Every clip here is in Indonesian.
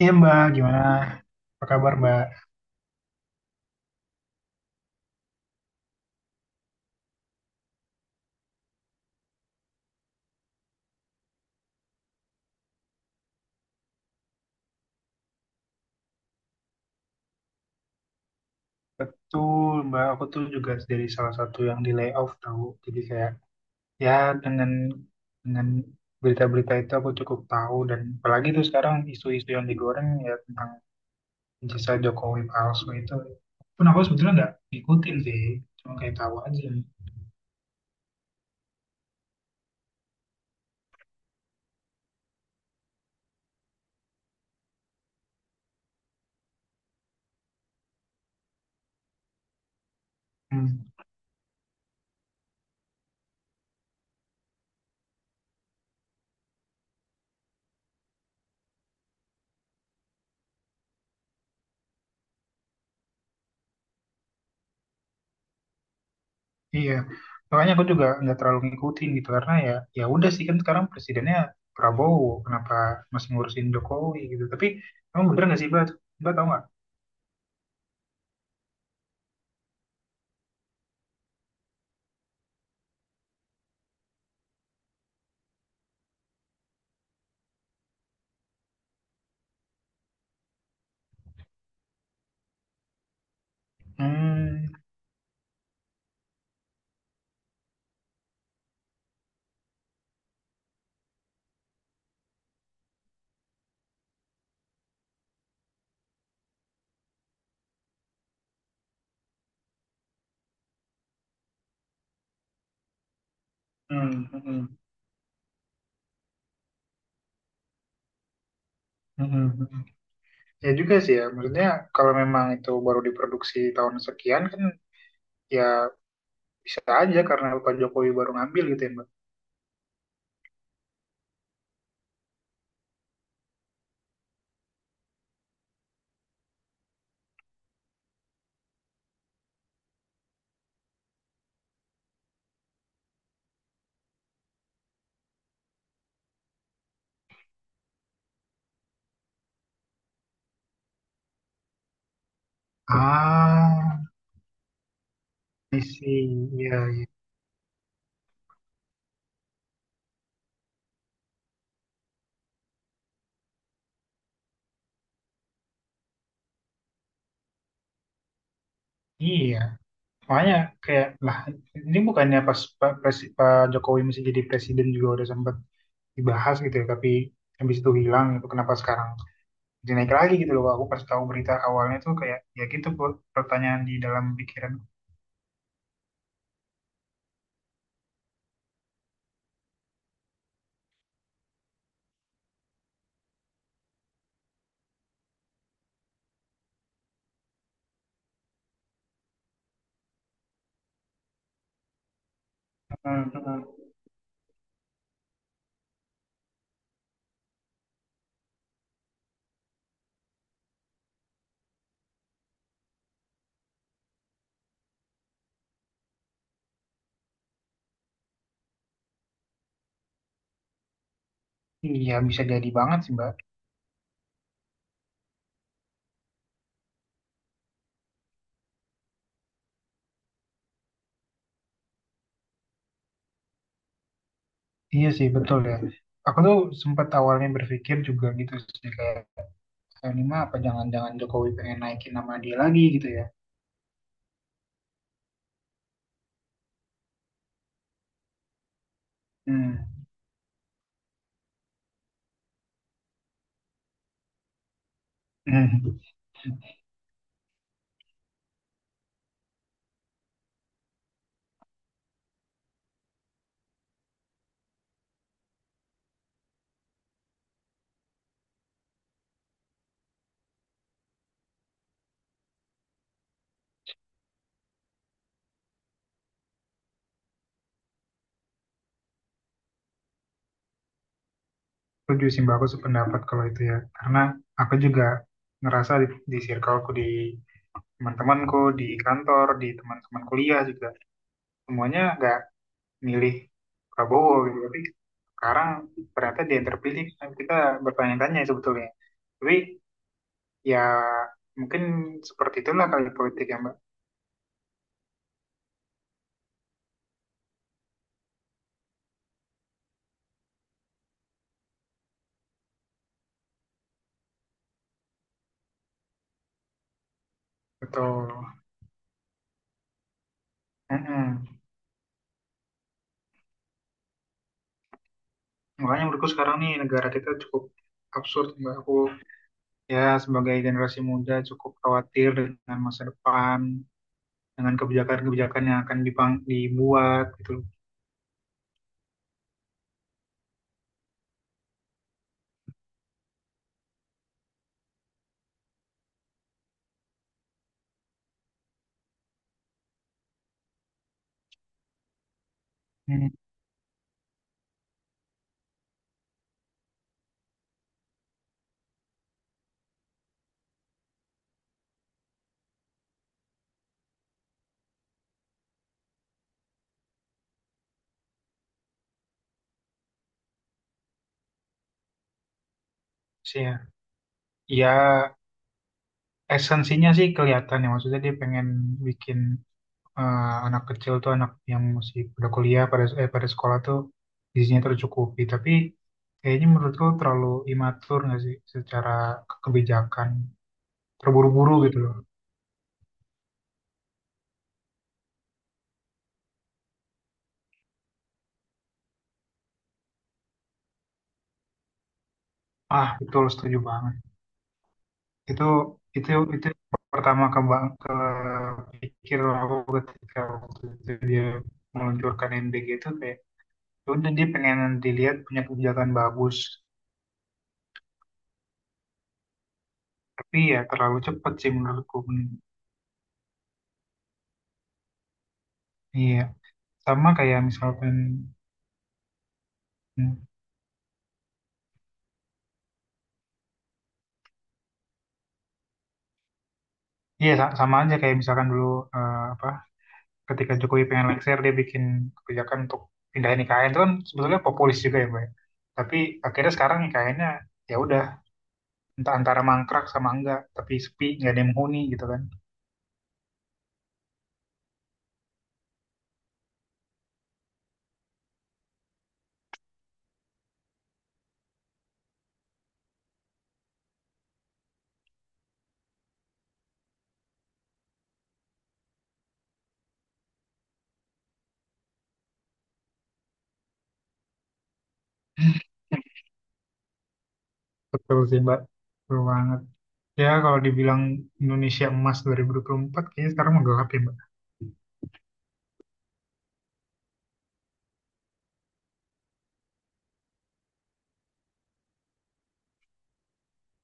Iya Mbak, gimana? Apa kabar Mbak? Betul Mbak, aku tuh juga dari salah satu yang di layoff tahu. Jadi kayak ya dengan dengan berita-berita itu aku cukup tahu, dan apalagi tuh sekarang isu-isu yang digoreng ya tentang jasa Jokowi palsu itu. Pun aku sebetulnya nggak ngikutin sih, cuma kayak tahu aja. Hmm. Iya, makanya aku juga nggak terlalu ngikutin gitu karena ya udah sih, kan sekarang presidennya Prabowo, kenapa masih ngurusin Jokowi gitu? Tapi kamu bener nggak sih, Mbak? Mbak tahu nggak? Hmm, hmm, hmm, hmm, hmm, hmm. Hmm. Ya juga sih ya, maksudnya kalau memang itu baru diproduksi tahun sekian kan ya bisa aja karena Pak Jokowi baru ngambil gitu ya, Mbak. Ah, I see. Iya, iya. Iya, makanya kayak lah, ini bukannya pas Pak Jokowi masih jadi presiden juga udah sempat dibahas gitu ya, tapi habis itu hilang, itu kenapa sekarang jadi naik lagi gitu loh. Aku pas tahu berita awalnya tuh kayak ya gitu Put, pertanyaan di dalam pikiran. Hmm, hmm. Iya bisa jadi banget sih Mbak. Iya sih betul ya. Aku tuh sempat awalnya berpikir juga gitu sih kayak, "Ah, ini mah apa jangan-jangan Jokowi pengen naikin nama dia lagi gitu ya." Hmm. Hmm. Setuju sih Mbak, aku sependapat kalau itu ya. Karena aku juga ngerasa di circleku, di teman-temanku, di kantor, di teman-teman kuliah juga. Semuanya nggak milih Prabowo gitu. Tapi sekarang ternyata dia yang terpilih. Nah, kita bertanya-tanya sebetulnya. Tapi ya mungkin seperti itulah kali politik ya Mbak. Betul. Mm-mm. Makanya menurutku sekarang nih negara kita cukup absurd Mbak. Aku ya sebagai generasi muda cukup khawatir dengan masa depan, dengan kebijakan-kebijakan yang akan dibuat gitu loh. Hmm. Sih ya. Ya, esensinya sih kelihatan ya, maksudnya dia pengen bikin eh, anak kecil tuh, anak yang masih pada kuliah, pada pada sekolah tuh gizinya tercukupi, tapi kayaknya menurutku terlalu imatur nggak sih, secara kebijakan terburu-buru gitu loh. Ah, betul setuju banget. Itu, itu itu pertama ke pikir aku ketika waktu itu dia meluncurkan MBG itu kayak ya udah, dia pengen dilihat punya kebijakan bagus, tapi ya terlalu cepet sih menurutku. Iya sama kayak misalkan, hmm, iya sama aja kayak misalkan dulu apa, ketika Jokowi pengen lengser dia bikin kebijakan untuk pindahin IKN itu kan sebetulnya populis juga ya Mbak ya. Tapi akhirnya sekarang IKN-nya ya udah, entah antara mangkrak sama enggak, tapi sepi nggak ada yang menghuni gitu kan. Betul sih Mbak, betul banget. Ya kalau dibilang Indonesia Emas 2024 kayaknya sekarang menggelap ya Mbak.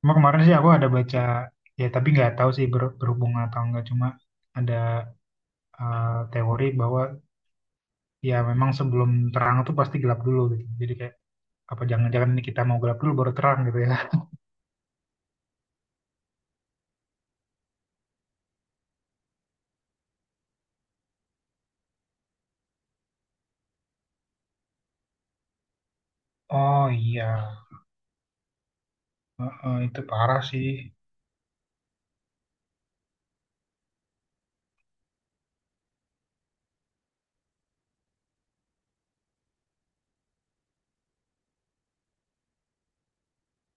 Cuma kemarin sih aku ada baca, ya tapi nggak tahu sih berhubungan atau enggak, cuma ada teori bahwa ya memang sebelum terang tuh pasti gelap dulu gitu, jadi kayak apa jangan-jangan ini kita mau gelap dulu baru terang gitu ya. oh iya. Heeh, itu parah sih.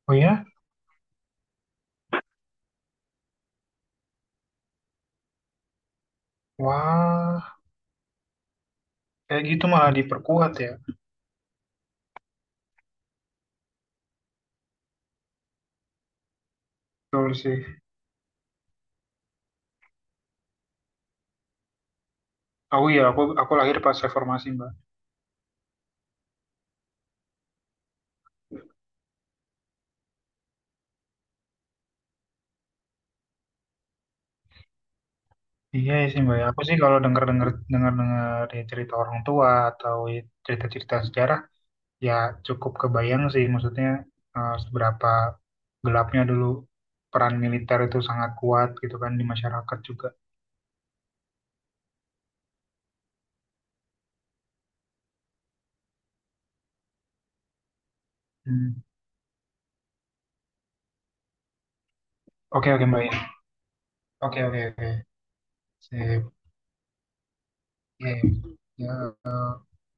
Oh ya, wah. Kayak gitu malah diperkuat ya. Betul sih. Aku ya, aku lahir pas reformasi Mbak. Iya ya sih Mbak. Ya. Aku sih kalau dengar dengar dengar dengar cerita orang tua atau cerita cerita sejarah, ya cukup kebayang sih. Maksudnya seberapa gelapnya dulu, peran militer itu sangat kuat gitu kan di masyarakat juga. Hmm. Oke, oke Mbak ya. Oke, oke, oke. Sip. Iya, iya. Ya, eh,